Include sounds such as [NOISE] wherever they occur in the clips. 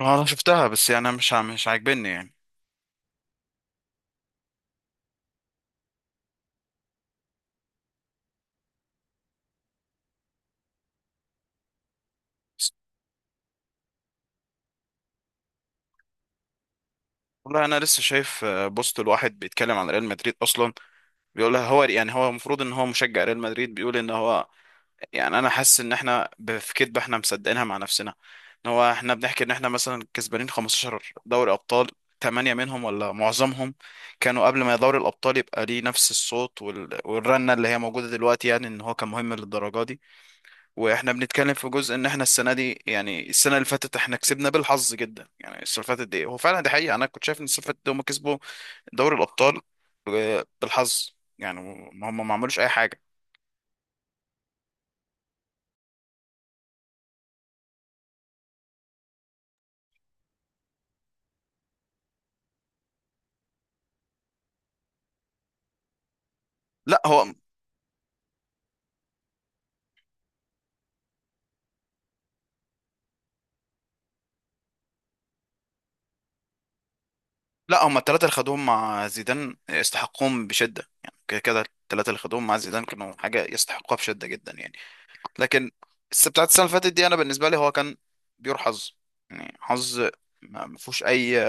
آه، انا شفتها، بس يعني أنا مش مش عاجبني يعني. والله انا لسه شايف بوست الواحد بيتكلم عن ريال مدريد اصلا. بيقول لها هو يعني هو المفروض ان هو مشجع ريال مدريد، بيقول ان هو يعني انا حاسس ان احنا في كدبه احنا مصدقينها مع نفسنا. ان هو احنا بنحكي ان احنا مثلا كسبانين 15 دوري ابطال، ثمانية منهم ولا معظمهم كانوا قبل ما دوري الابطال يبقى ليه نفس الصوت والرنه اللي هي موجوده دلوقتي، يعني ان هو كان مهم للدرجه دي. واحنا بنتكلم في جزء ان احنا السنه دي، يعني السنه اللي فاتت احنا كسبنا بالحظ جدا. يعني السنه اللي فاتت دي هو فعلا دي حقيقه، انا كنت شايف ان السنه اللي فاتت دي هم كسبوا دوري الابطال بالحظ، يعني ما هم ما عملوش اي حاجه. لا هو لا هم الثلاثه اللي خدوهم مع زيدان يستحقوهم بشده، يعني كده كده الثلاثه اللي خدوهم مع زيدان كانوا حاجه يستحقوها بشده جدا يعني. لكن بتاعت السنه اللي فاتت دي انا بالنسبه لي هو كان بيور حظ، يعني حظ ما فيهوش اي.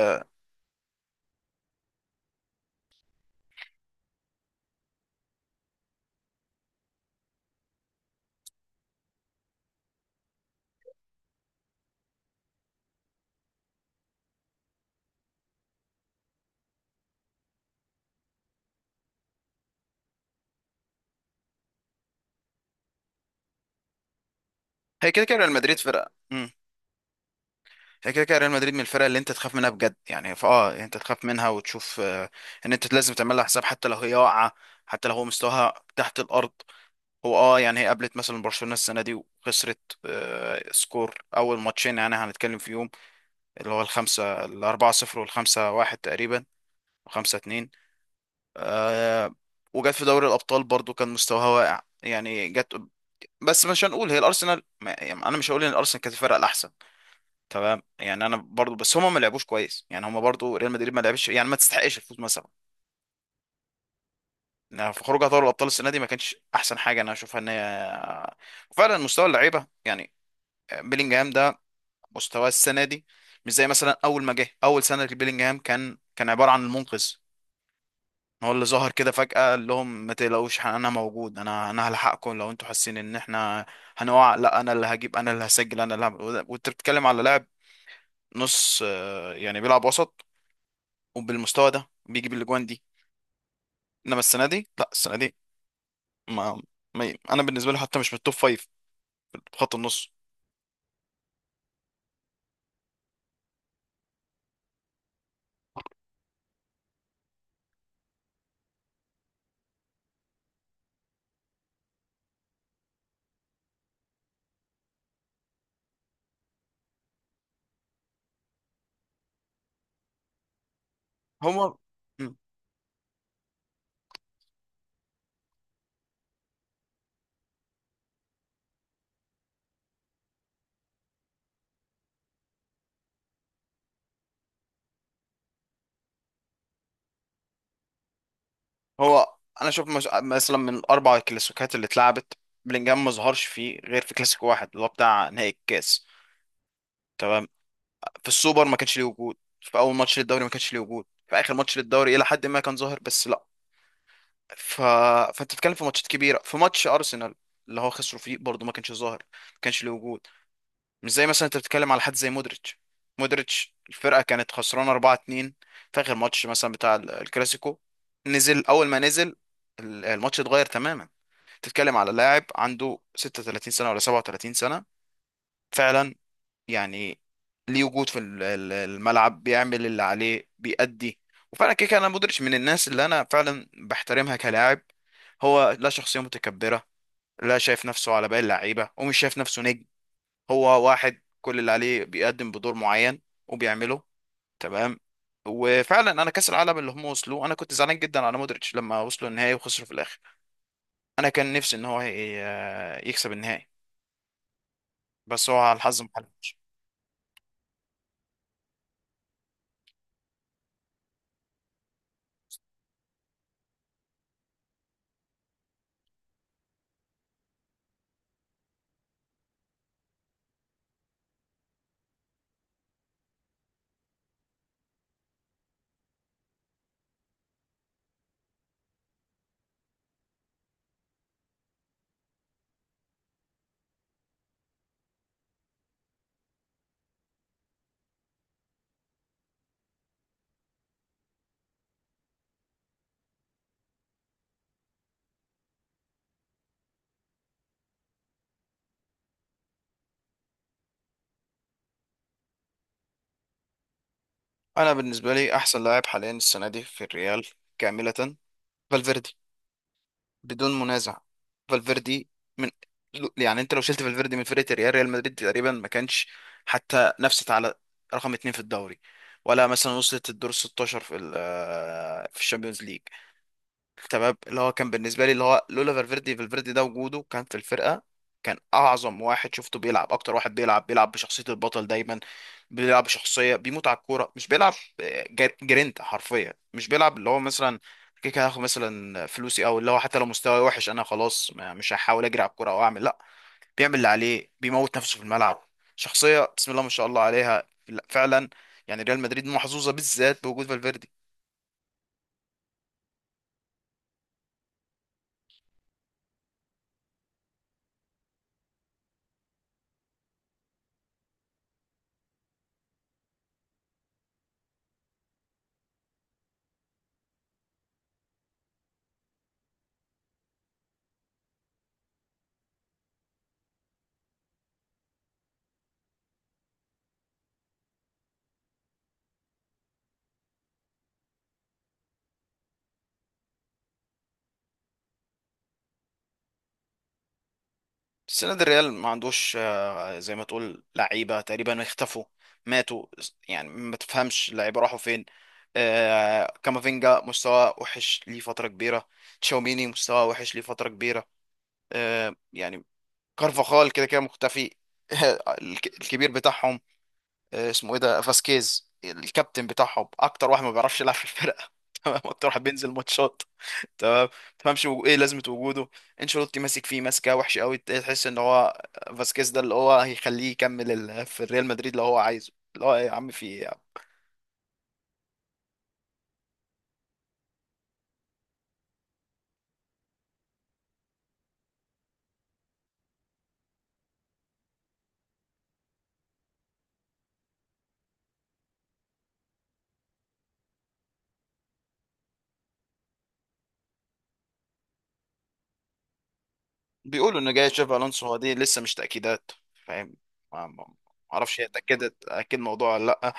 هي كده كده ريال مدريد فرقه، هي كده كده ريال مدريد من الفرق اللي انت تخاف منها بجد، يعني فاه انت تخاف منها وتشوف ان انت لازم تعمل لها حساب حتى لو هي واقعه، حتى لو هو مستواها تحت الارض. هو يعني هي قابلت مثلا برشلونه السنه دي وخسرت سكور اول ماتشين يعني هنتكلم فيهم، اللي هو الخمسه الاربعه صفر والخمسه واحد تقريبا وخمسه اتنين. آه، وجت في دوري الابطال برضو كان مستواها واقع، يعني جت بس مش هنقول هي الارسنال يعني انا مش هقول ان الارسنال كانت الفرقه الاحسن. تمام، يعني انا برضو بس هما ما لعبوش كويس، يعني هما برضو ريال مدريد ما لعبش يعني ما تستحقش الفوز مثلا. يعني في خروجها دوري الابطال السنه دي ما كانش احسن حاجه انا اشوفها ان هي وفعلا مستوى اللعيبه يعني. بيلينجهام ده مستواه السنه دي مش زي مثلا اول ما جه. اول سنه لبيلينجهام كان عباره عن المنقذ، هو اللي ظهر كده فجاه قال لهم ما تقلقوش انا موجود، انا هلحقكم لو انتوا حاسين ان احنا هنقع. لا انا اللي هجيب، انا اللي هسجل، انا اللي هعمل، وانت بتتكلم على لاعب نص يعني بيلعب وسط، وبالمستوى ده بيجيب الاجوان دي. انما السنه دي ما, ما انا بالنسبه له حتى مش من التوب فايف في خط النص. هو مم. هو انا شوف مثلا من الاربع كلاسيكات اللي اتلعبت، بلينجهام ما ظهرش فيه غير في كلاسيكو واحد اللي هو بتاع نهائي الكاس، تمام؟ في السوبر ما كانش ليه وجود، في اول ماتش للدوري ما كانش ليه وجود، في اخر ماتش للدوري الى حد ما كان ظاهر بس لا. ف... فانت بتتكلم في ماتشات كبيره، في ماتش ارسنال اللي هو خسروا فيه برضه ما كانش ظاهر، ما كانش ليه وجود. مش زي مثلا انت بتتكلم على حد زي مودريتش. مودريتش الفرقه كانت خسرانه 4-2 في اخر ماتش مثلا بتاع الكلاسيكو، نزل اول ما نزل الماتش اتغير تماما. تتكلم على لاعب عنده 36 سنه ولا 37 سنه، فعلا يعني ليه وجود في الملعب، بيعمل اللي عليه، بيأدي. وفعلا كده كده انا مودريتش من الناس اللي انا فعلا بحترمها كلاعب. هو لا شخصيه متكبره، لا شايف نفسه على باقي اللعيبه ومش شايف نفسه نجم. هو واحد كل اللي عليه بيقدم بدور معين وبيعمله، تمام؟ وفعلا انا كاس العالم اللي هم وصلوا انا كنت زعلان جدا على مودريتش لما وصلوا النهائي وخسروا في الاخر. انا كان نفسي ان هو يكسب النهائي، بس هو على الحظ ما حلفش. انا بالنسبه لي احسن لاعب حاليا السنه دي في الريال كامله فالفيردي بدون منازع. فالفيردي من، يعني انت لو شلت فالفيردي من فرقه ريال مدريد تقريبا ما كانش حتى نفست على رقم اتنين في الدوري، ولا مثلا وصلت الدور 16 في في الشامبيونز ليج. تمام، اللي هو كان بالنسبه لي اللي هو لولا فالفيردي، فالفيردي ده وجوده كان في الفرقه، كان اعظم واحد شفته بيلعب. اكتر واحد بيلعب بشخصيه البطل دايما، بيلعب بشخصيه بيموت على الكوره، مش بيلعب جرينتا حرفيا. مش بيلعب اللي هو مثلا كده كده هاخد مثلا فلوسي، او اللي هو حتى لو مستواي وحش انا خلاص مش هحاول اجري على الكوره او اعمل، لا، بيعمل اللي عليه، بيموت نفسه في الملعب. شخصيه بسم الله ما شاء الله عليها، لا، فعلا. يعني ريال مدريد محظوظه بالذات بوجود فالفيردي. السنه دي الريال ما عندوش، زي ما تقول لعيبة تقريبا اختفوا، ماتوا، يعني ما تفهمش اللعيبة راحوا فين. كامافينجا مستوى وحش ليه فترة كبيرة، تشاوميني مستوى وحش ليه فترة كبيرة، يعني كارفاخال كده كده مختفي [LAUGHS] الكبير بتاعهم اسمه ايه ده، فاسكيز، الكابتن بتاعهم، اكتر واحد ما بيعرفش يلعب في الفرقة [LAUGHS] تمام؟ اكتر واحد بينزل ماتشات، تمام؟ تفهمش ايه لازمه وجوده. انشيلوتي ماسك فيه ماسكه وحشه قوي، تحس ان هو فاسكيز ده اللي هو هيخليه يكمل في الريال مدريد، اللي هو عايزه اللي هو إيه يا عم، في ايه يا عم؟ بيقولوا ان جاي تشافي الونسو. هو دي لسه مش تاكيدات، فاهم؟ ما اعرفش هي اتاكدت اكيد الموضوع ولا لا.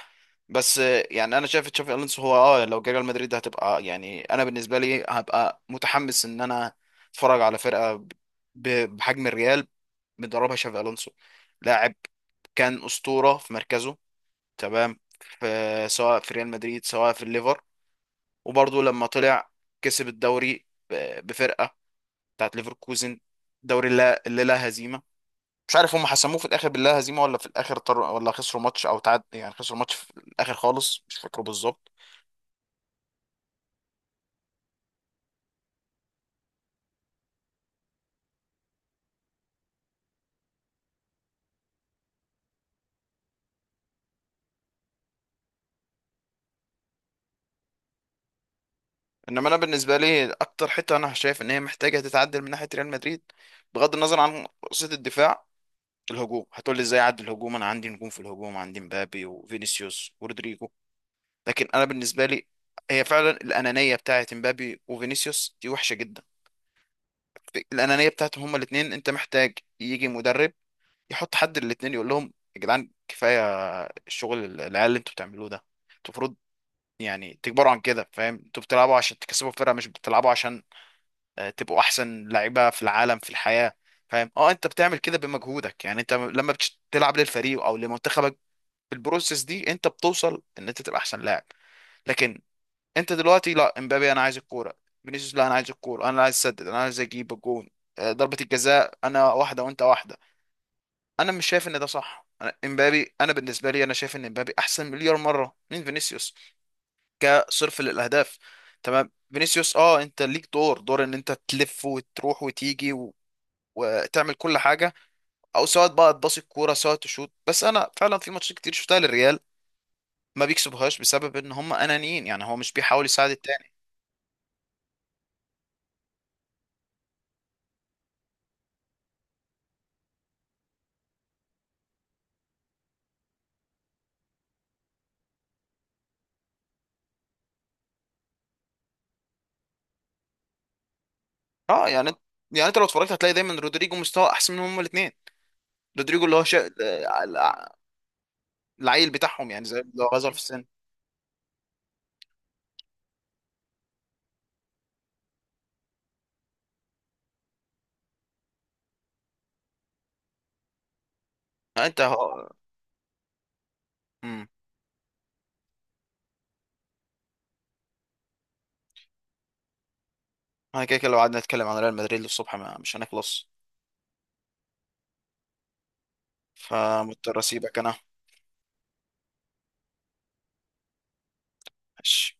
بس يعني انا شايف تشافي الونسو، هو لو جه ريال مدريد هتبقى، يعني انا بالنسبه لي هبقى متحمس ان انا اتفرج على فرقه بحجم الريال مدربها شافي الونسو، لاعب كان اسطوره في مركزه، تمام؟ في، سواء في ريال مدريد سواء في الليفر، وبرضه لما طلع كسب الدوري بفرقه بتاعت ليفركوزن دوري اللي لا هزيمه. مش عارف هم حسموه في الاخر باللا هزيمه ولا في الاخر ولا خسروا ماتش او تعاد، يعني خسروا ماتش في الاخر خالص مش فاكره بالظبط. انما انا بالنسبه لي اكتر حته انا شايف ان هي محتاجه تتعدل من ناحيه ريال مدريد، بغض النظر عن قصه الدفاع، الهجوم. هتقول لي ازاي اعدي الهجوم، انا عندي نجوم في الهجوم، عندي مبابي وفينيسيوس ورودريجو. لكن انا بالنسبه لي هي فعلا الانانيه بتاعه مبابي وفينيسيوس دي وحشه جدا. الانانيه بتاعتهم هما الاثنين، انت محتاج يجي مدرب يحط حد الاثنين يقول لهم يا جدعان كفايه الشغل العيال اللي انتوا بتعملوه ده. انتوا المفروض يعني تكبروا عن كده، فاهم؟ انتوا بتلعبوا عشان تكسبوا الفرقه، مش بتلعبوا عشان تبقوا احسن لعيبه في العالم في الحياه. فاهم؟ اه انت بتعمل كده بمجهودك، يعني انت لما بتلعب للفريق او لمنتخبك، البروسيس دي انت بتوصل ان انت تبقى احسن لاعب. لكن انت دلوقتي، لا امبابي انا عايز الكوره، فينيسيوس لا انا عايز الكوره، انا عايز اسدد، انا عايز اجيب الجون، ضربه الجزاء انا واحده وانت واحده. انا مش شايف ان ده صح. انا امبابي، انا بالنسبه لي انا شايف ان امبابي احسن مليار مره من فينيسيوس كصرف للاهداف، تمام؟ فينيسيوس، انت ليك دور ان انت تلف وتروح وتيجي وتعمل كل حاجه، او سواء بقى تباصي الكوره سواء تشوط. بس انا فعلا في ماتشات كتير شفتها للريال ما بيكسبوهاش بسبب ان هم انانيين، يعني هو مش بيحاول يساعد التاني. اه يعني انت- يعني انت لو اتفرجت هتلاقي دايما رودريجو مستوى احسن منهم هما الاثنين. رودريجو اللي هو العيل بتاعهم يعني، زي اللي هو غزر في السن. آه، انت هو امم انا كده كده لو قعدنا نتكلم عن ريال مدريد للصبح ما... مش هنخلص. فمضطر اسيبك انا. ماشي.